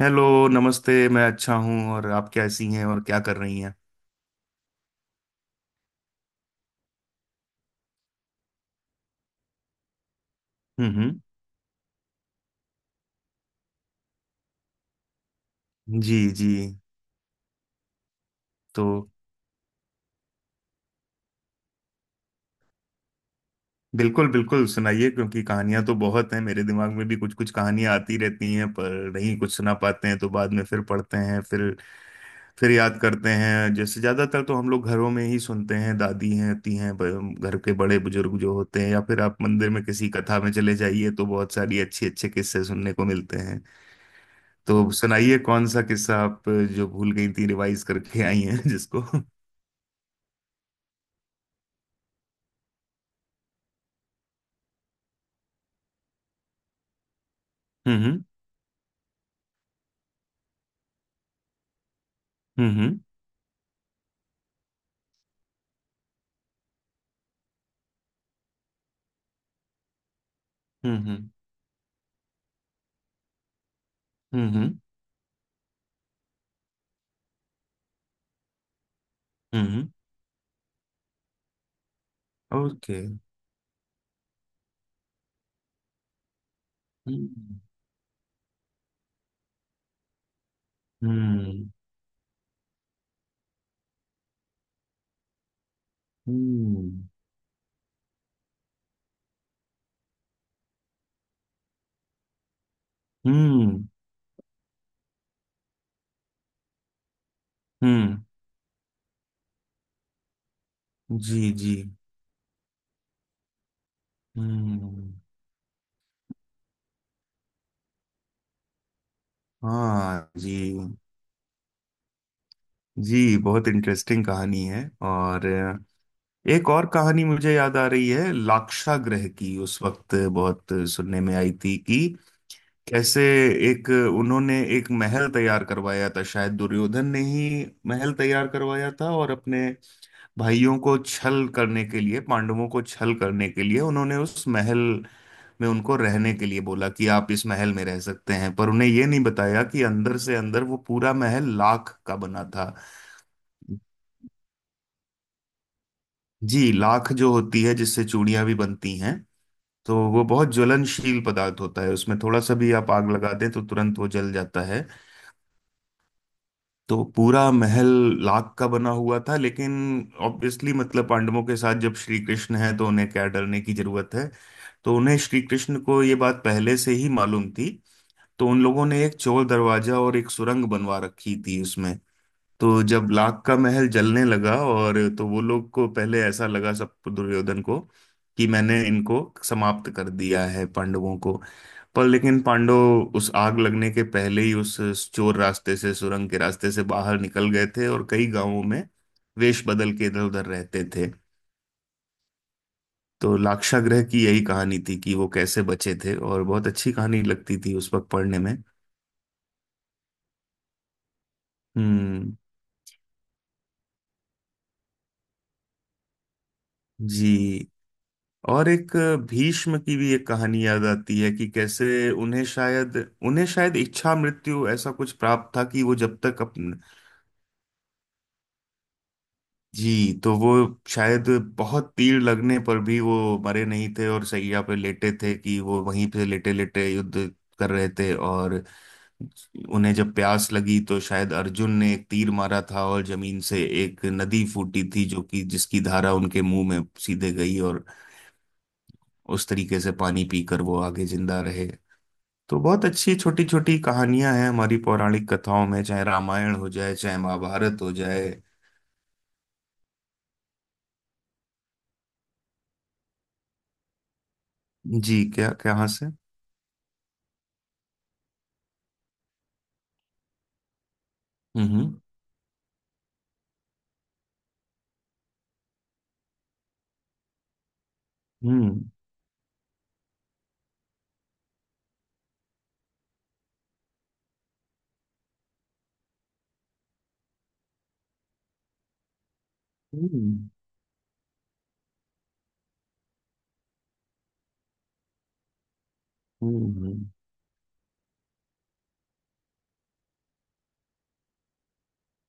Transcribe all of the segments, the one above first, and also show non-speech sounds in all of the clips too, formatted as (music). Hello. नमस्ते, मैं अच्छा हूँ। और आप कैसी हैं और क्या कर रही हैं? हम्म। जी जी। तो बिल्कुल बिल्कुल सुनाइए, क्योंकि कहानियां तो बहुत हैं, मेरे दिमाग में भी कुछ कुछ कहानियां आती रहती हैं पर नहीं कुछ सुना पाते हैं, तो बाद में फिर पढ़ते हैं, फिर याद करते हैं। जैसे ज्यादातर तो हम लोग घरों में ही सुनते हैं, दादी हैं होती हैं, घर के बड़े बुजुर्ग जो होते हैं, या फिर आप मंदिर में किसी कथा में चले जाइए तो बहुत सारी अच्छे अच्छे किस्से सुनने को मिलते। तो सुनाइए कौन सा किस्सा आप जो भूल गई थी रिवाइज करके आई हैं (laughs) जिसको हम्म। हम्म हम्म हम्म हम्म। ओके। हम्म हम्म हम्म हम्म हम्म, जी जी। हम्म। हाँ जी। जी बहुत इंटरेस्टिंग कहानी है। और एक और कहानी मुझे याद आ रही है, लाक्षा ग्रह की। उस वक्त बहुत सुनने में आई थी कि कैसे एक उन्होंने एक महल तैयार करवाया था, शायद दुर्योधन ने ही महल तैयार करवाया था, और अपने भाइयों को छल करने के लिए, पांडवों को छल करने के लिए उन्होंने उस महल में उनको रहने के लिए बोला कि आप इस महल में रह सकते हैं, पर उन्हें ये नहीं बताया कि अंदर से अंदर वो पूरा महल लाख का बना था। जी, लाख जो होती है जिससे चूड़ियां भी बनती हैं, तो वो बहुत ज्वलनशील पदार्थ होता है, उसमें थोड़ा सा भी आप आग लगा दें तो तुरंत वो जल जाता है। तो पूरा महल लाख का बना हुआ था, लेकिन ऑब्वियसली मतलब पांडवों के साथ जब श्री कृष्ण है तो उन्हें क्या डरने की जरूरत है। तो उन्हें श्री कृष्ण को ये बात पहले से ही मालूम थी, तो उन लोगों ने एक चोर दरवाजा और एक सुरंग बनवा रखी थी उसमें। तो जब लाख का महल जलने लगा और तो वो लोग को पहले ऐसा लगा, सब दुर्योधन को कि मैंने इनको समाप्त कर दिया है, पांडवों को। पर लेकिन पांडव उस आग लगने के पहले ही उस चोर रास्ते से, सुरंग के रास्ते से बाहर निकल गए थे और कई गांवों में वेश बदल के इधर उधर रहते थे। तो लाक्षागृह की यही कहानी थी कि वो कैसे बचे थे, और बहुत अच्छी कहानी लगती थी उस वक्त पढ़ने में। हम्म। जी। और एक भीष्म की भी एक कहानी याद आती है कि कैसे उन्हें शायद इच्छा मृत्यु ऐसा कुछ प्राप्त था कि वो जब तक अपन। जी, तो वो शायद बहुत तीर लगने पर भी वो मरे नहीं थे और सैया पे लेटे थे, कि वो वहीं पे लेटे लेटे युद्ध कर रहे थे, और उन्हें जब प्यास लगी तो शायद अर्जुन ने एक तीर मारा था और जमीन से एक नदी फूटी थी जो कि जिसकी धारा उनके मुंह में सीधे गई, और उस तरीके से पानी पीकर वो आगे जिंदा रहे। तो बहुत अच्छी छोटी छोटी कहानियां हैं हमारी पौराणिक कथाओं में, चाहे रामायण हो जाए चाहे महाभारत हो जाए। जी क्या क्या हाँ से। हम्म हम्म हम्म हम्म हम्म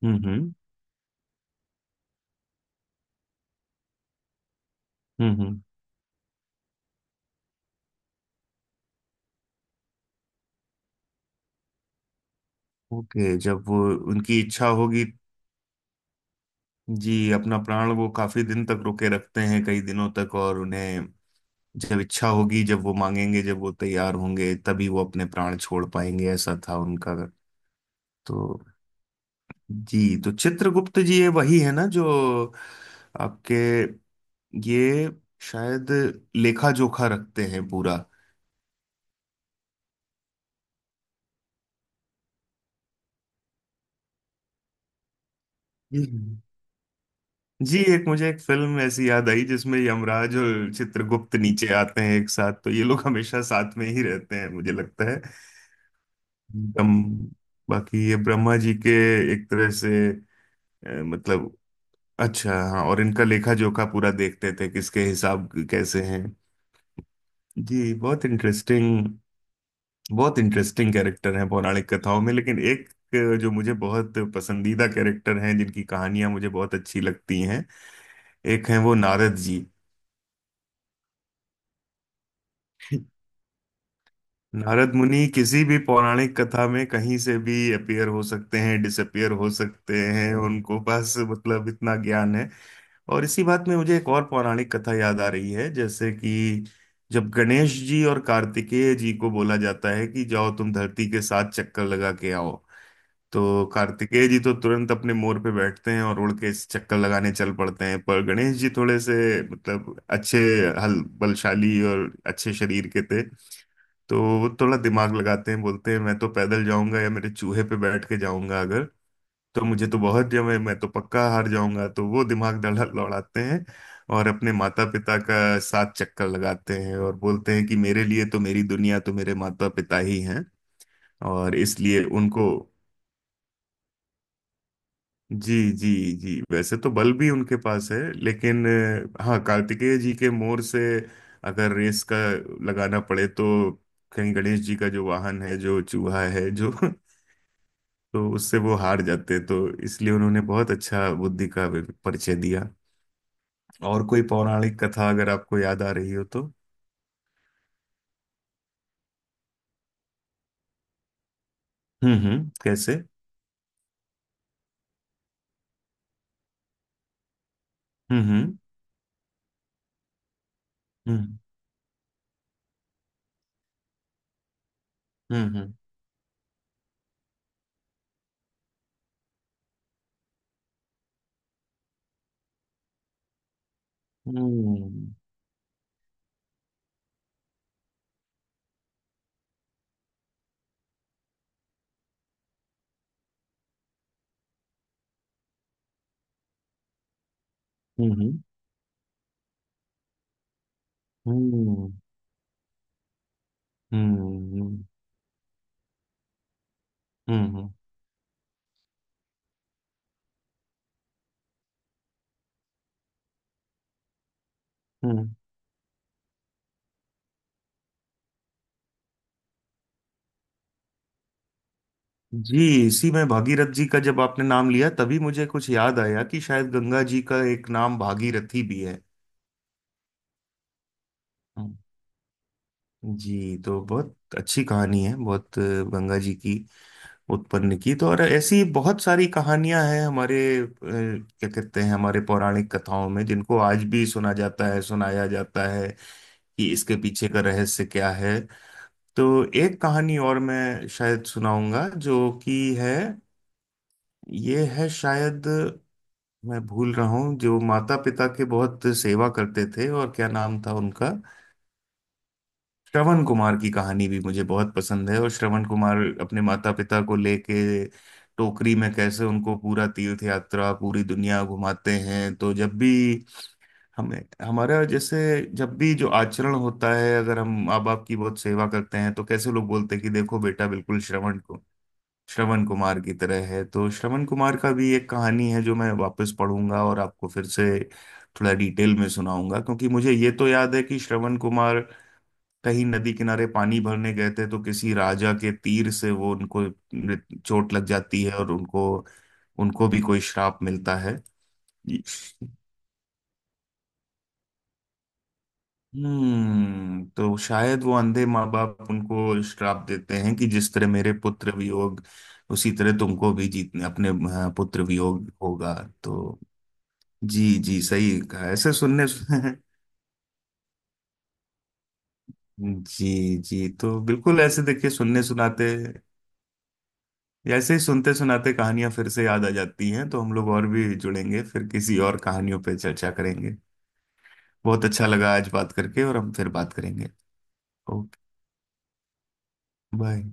हम्म हम्म, हम्म, हम्म। ओके। जब वो उनकी इच्छा होगी। जी, अपना प्राण वो काफी दिन तक रोके रखते हैं, कई दिनों तक, और उन्हें जब इच्छा होगी, जब वो मांगेंगे, जब वो तैयार होंगे, तभी वो अपने प्राण छोड़ पाएंगे, ऐसा था उनका। तो जी, तो चित्रगुप्त जी ये वही है ना जो आपके ये शायद लेखा जोखा रखते हैं पूरा। जी जी, एक मुझे एक फिल्म ऐसी याद आई जिसमें यमराज और चित्रगुप्त नीचे आते हैं एक साथ, तो ये लोग हमेशा साथ में ही रहते हैं मुझे लगता है। एकदम। बाकी ये ब्रह्मा जी के एक तरह से मतलब अच्छा हाँ, और इनका लेखा जोखा पूरा देखते थे किसके हिसाब कैसे हैं। जी बहुत इंटरेस्टिंग। बहुत इंटरेस्टिंग कैरेक्टर हैं पौराणिक कथाओं में, लेकिन एक जो मुझे बहुत पसंदीदा कैरेक्टर हैं जिनकी कहानियां मुझे बहुत अच्छी लगती हैं, एक हैं वो नारद जी। नारद मुनि किसी भी पौराणिक कथा में कहीं से भी अपीयर हो सकते हैं, डिसअपियर हो सकते हैं, उनको बस मतलब इतना ज्ञान है। और इसी बात में मुझे एक और पौराणिक कथा याद आ रही है, जैसे कि जब गणेश जी और कार्तिकेय जी को बोला जाता है कि जाओ तुम धरती के साथ चक्कर लगा के आओ, तो कार्तिकेय जी तो तुरंत अपने मोर पे बैठते हैं और उड़ के चक्कर लगाने चल पड़ते हैं, पर गणेश जी थोड़े से मतलब अच्छे हल बलशाली और अच्छे शरीर के थे, तो वो थोड़ा दिमाग लगाते हैं, बोलते हैं मैं तो पैदल जाऊंगा या मेरे चूहे पे बैठ के जाऊंगा अगर, तो मुझे तो बहुत जम है मैं तो पक्का हार जाऊंगा। तो वो दिमाग डला लौड़ाते हैं, और अपने माता पिता का साथ चक्कर लगाते हैं, और बोलते हैं कि मेरे लिए तो मेरी दुनिया तो मेरे माता पिता ही हैं, और इसलिए उनको। जी जी जी, वैसे तो बल भी उनके पास है, लेकिन हाँ कार्तिकेय जी के मोर से अगर रेस का लगाना पड़े तो कहीं गणेश जी का जो वाहन है जो चूहा है जो (laughs) तो उससे वो हार जाते हैं। तो इसलिए उन्होंने बहुत अच्छा बुद्धि का परिचय दिया। और कोई पौराणिक कथा अगर आपको याद आ रही हो तो। कैसे? हम्म हम्म हम्म हम्म हम्म हम्म हम्म हम्म हम्म हम्म हम्म हम्म, हम्म, जी। इसी में भागीरथ जी का जब आपने नाम लिया तभी मुझे कुछ याद आया कि शायद गंगा जी का एक नाम भागीरथी भी है। हम्म। जी तो बहुत अच्छी कहानी है बहुत गंगा जी की उत्पन्न की। तो और ऐसी बहुत सारी कहानियां हैं हमारे क्या कहते हैं हमारे पौराणिक कथाओं में, जिनको आज भी सुना जाता है, सुनाया जाता है कि इसके पीछे का रहस्य क्या है। तो एक कहानी और मैं शायद सुनाऊंगा, जो कि है। ये है शायद, मैं भूल रहा हूँ, जो माता पिता के बहुत सेवा करते थे, और क्या नाम था उनका। श्रवण कुमार की कहानी भी मुझे बहुत पसंद है, और श्रवण कुमार अपने माता पिता को लेके टोकरी में कैसे उनको पूरा तीर्थ यात्रा पूरी दुनिया घुमाते हैं, तो जब भी हमें हमारा जैसे जब भी जो आचरण होता है अगर हम माँ बाप की बहुत सेवा करते हैं तो कैसे लोग बोलते हैं कि देखो बेटा बिल्कुल श्रवण, श्रवण कुमार की तरह है। तो श्रवण कुमार का भी एक कहानी है जो मैं वापस पढ़ूंगा और आपको फिर से थोड़ा डिटेल में सुनाऊंगा, क्योंकि मुझे ये तो याद है कि श्रवण कुमार कहीं नदी किनारे पानी भरने गए थे तो किसी राजा के तीर से वो उनको चोट लग जाती है, और उनको उनको भी कोई श्राप मिलता है। हम्म, तो शायद वो अंधे माँ बाप उनको श्राप देते हैं कि जिस तरह मेरे पुत्र वियोग उसी तरह तुमको भी जीतने अपने पुत्र वियोग होगा। तो जी जी सही कहा, ऐसे सुनने (laughs) जी जी। तो बिल्कुल ऐसे देखिए सुनने सुनाते ऐसे ही सुनते सुनाते कहानियां फिर से याद आ जाती हैं, तो हम लोग और भी जुड़ेंगे, फिर किसी और कहानियों पे चर्चा करेंगे। बहुत अच्छा लगा आज बात करके, और हम फिर बात करेंगे। Okay, bye.